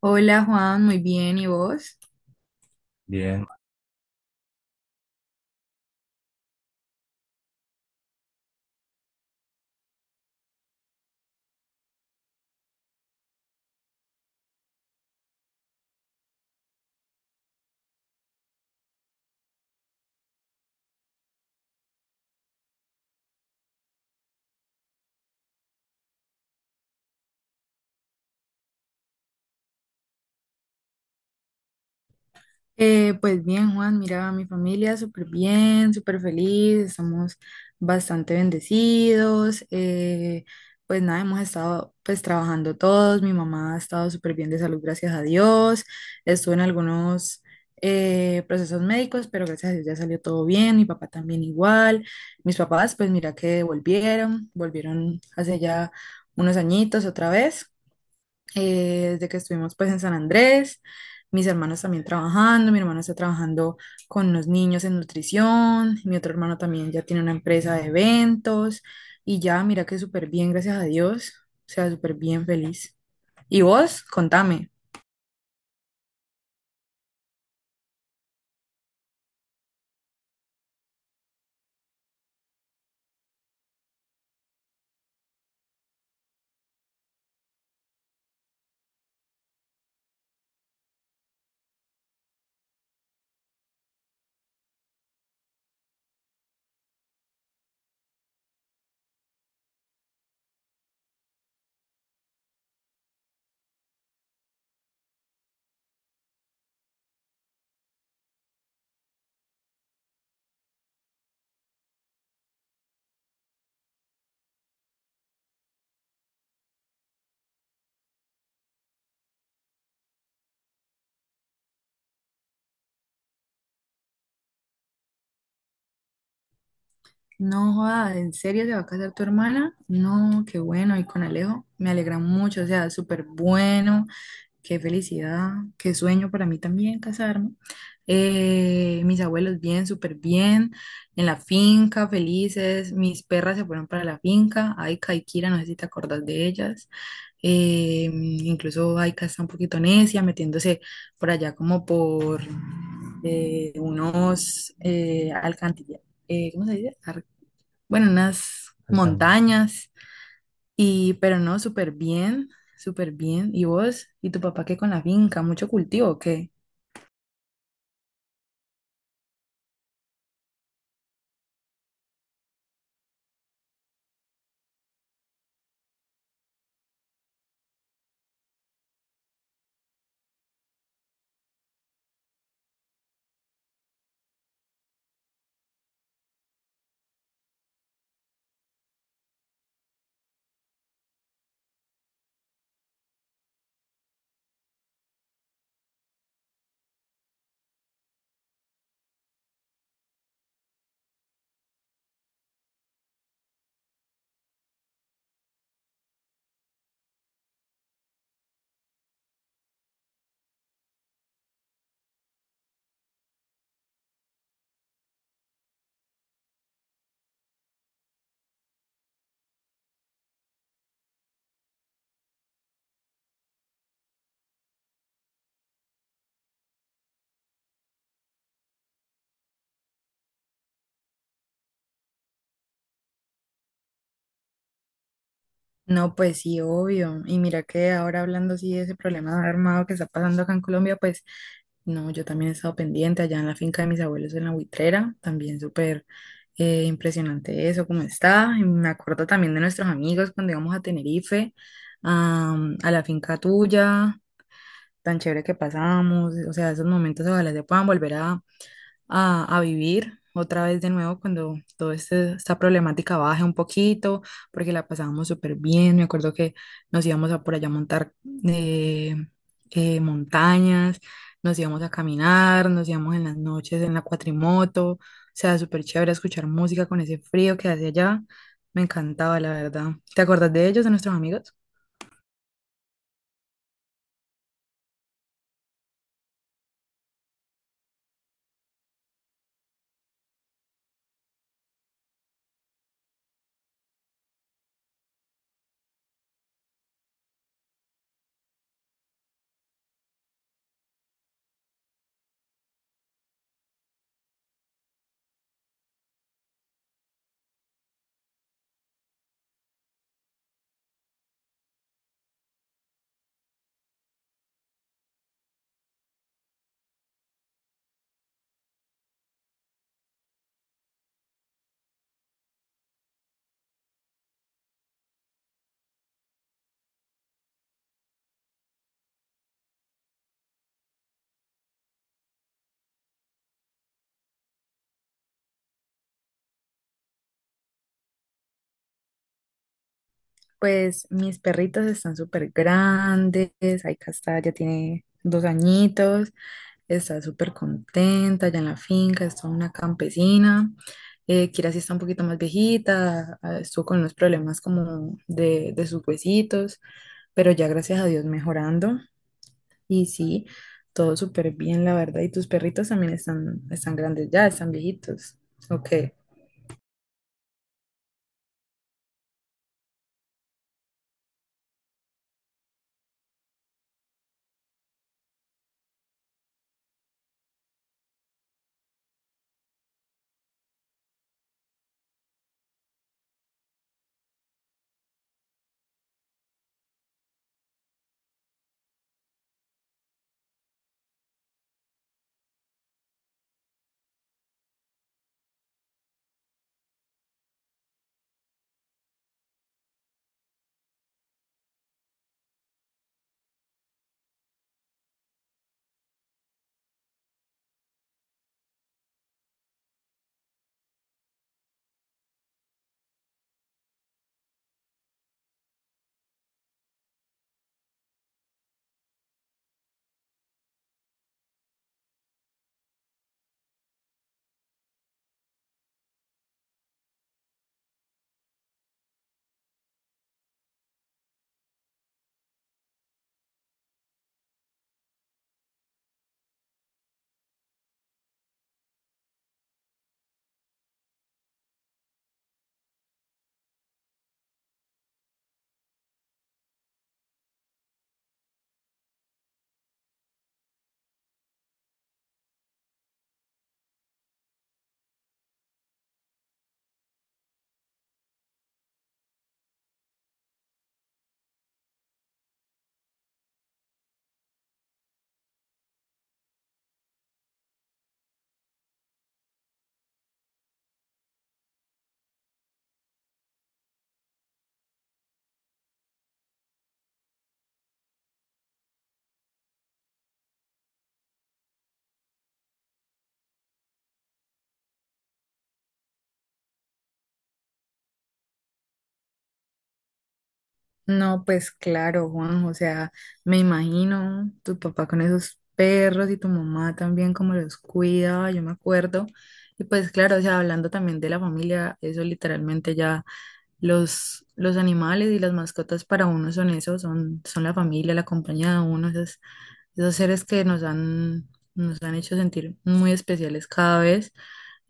Hola Juan, muy bien, ¿y vos? Bien, pues bien Juan, mira, mi familia súper bien, súper feliz, estamos bastante bendecidos, pues nada, hemos estado pues trabajando todos, mi mamá ha estado súper bien de salud, gracias a Dios, estuvo en algunos procesos médicos, pero gracias a Dios ya salió todo bien, mi papá también igual, mis papás pues mira que volvieron hace ya unos añitos otra vez. Desde que estuvimos pues en San Andrés, mis hermanos también trabajando, mi hermano está trabajando con los niños en nutrición, mi otro hermano también ya tiene una empresa de eventos y ya, mira que súper bien, gracias a Dios, o sea, súper bien feliz. ¿Y vos? Contame. No, joda, ¿en serio se va a casar tu hermana? No, qué bueno, y con Alejo, me alegra mucho, o sea, súper bueno. Qué felicidad, qué sueño para mí también casarme. Mis abuelos bien, súper bien, en la finca, felices. Mis perras se fueron para la finca. Aika y Kira, no sé si te acordás de ellas. Incluso Aika está un poquito necia, metiéndose por allá como por unos alcantilla- ¿cómo se dice? Ar- bueno, unas Alcan- montañas. Y, pero no, súper bien, súper bien. ¿Y vos? ¿Y tu papá qué con la finca? ¿Mucho cultivo o qué? No, pues sí, obvio. Y mira que ahora hablando así de ese problema armado que está pasando acá en Colombia, pues no, yo también he estado pendiente allá en la finca de mis abuelos en la Buitrera, también súper impresionante eso, cómo está. Y me acuerdo también de nuestros amigos cuando íbamos a Tenerife, am, a la finca tuya, tan chévere que pasamos, o sea, esos momentos ojalá se puedan volver a a vivir otra vez de nuevo cuando toda esta problemática baje un poquito, porque la pasábamos súper bien. Me acuerdo que nos íbamos a por allá a montar eh, montañas, nos íbamos a caminar, nos íbamos en las noches en la cuatrimoto. O sea, súper chévere escuchar música con ese frío que hace allá. Me encantaba, la verdad. ¿Te acuerdas de ellos, de nuestros amigos? Pues mis perritos están súper grandes. Ahí Castalla tiene 2 añitos. Está súper contenta allá en la finca, está una campesina. Kira sí está un poquito más viejita, ah, estuvo con unos problemas como de sus huesitos, pero ya gracias a Dios mejorando. Y sí, todo súper bien, la verdad. Y tus perritos también están, están grandes ya, están viejitos. Ok. No, pues claro, Juan, o sea, me imagino tu papá con esos perros y tu mamá también como los cuidaba, yo me acuerdo. Y pues claro, o sea, hablando también de la familia, eso literalmente ya los animales y las mascotas para uno son eso, son la familia, la compañía de uno, esas esos seres que nos han hecho sentir muy especiales cada vez.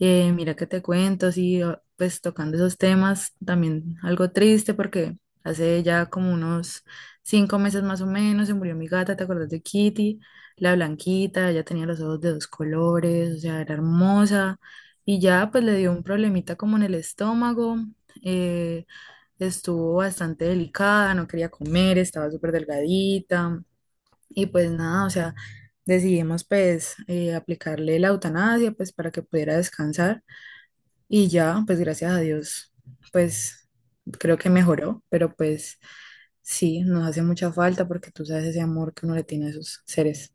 Mira que te cuento, sí, ah, pues tocando esos temas, también algo triste porque hace ya como unos 5 meses más o menos se murió mi gata, ¿te acuerdas de Kitty? La blanquita, ella tenía los ojos de dos colores, o sea, era hermosa y ya pues le dio un problemita como en el estómago. eh, Estuvo bastante delicada, no quería comer, estaba súper delgadita. Y pues nada, o sea, decidimos pues aplicarle la eutanasia pues para que pudiera descansar y ya, pues gracias a Dios, pues creo que mejoró, pero pues sí, nos hace mucha falta porque tú sabes ese amor que uno le tiene a esos seres.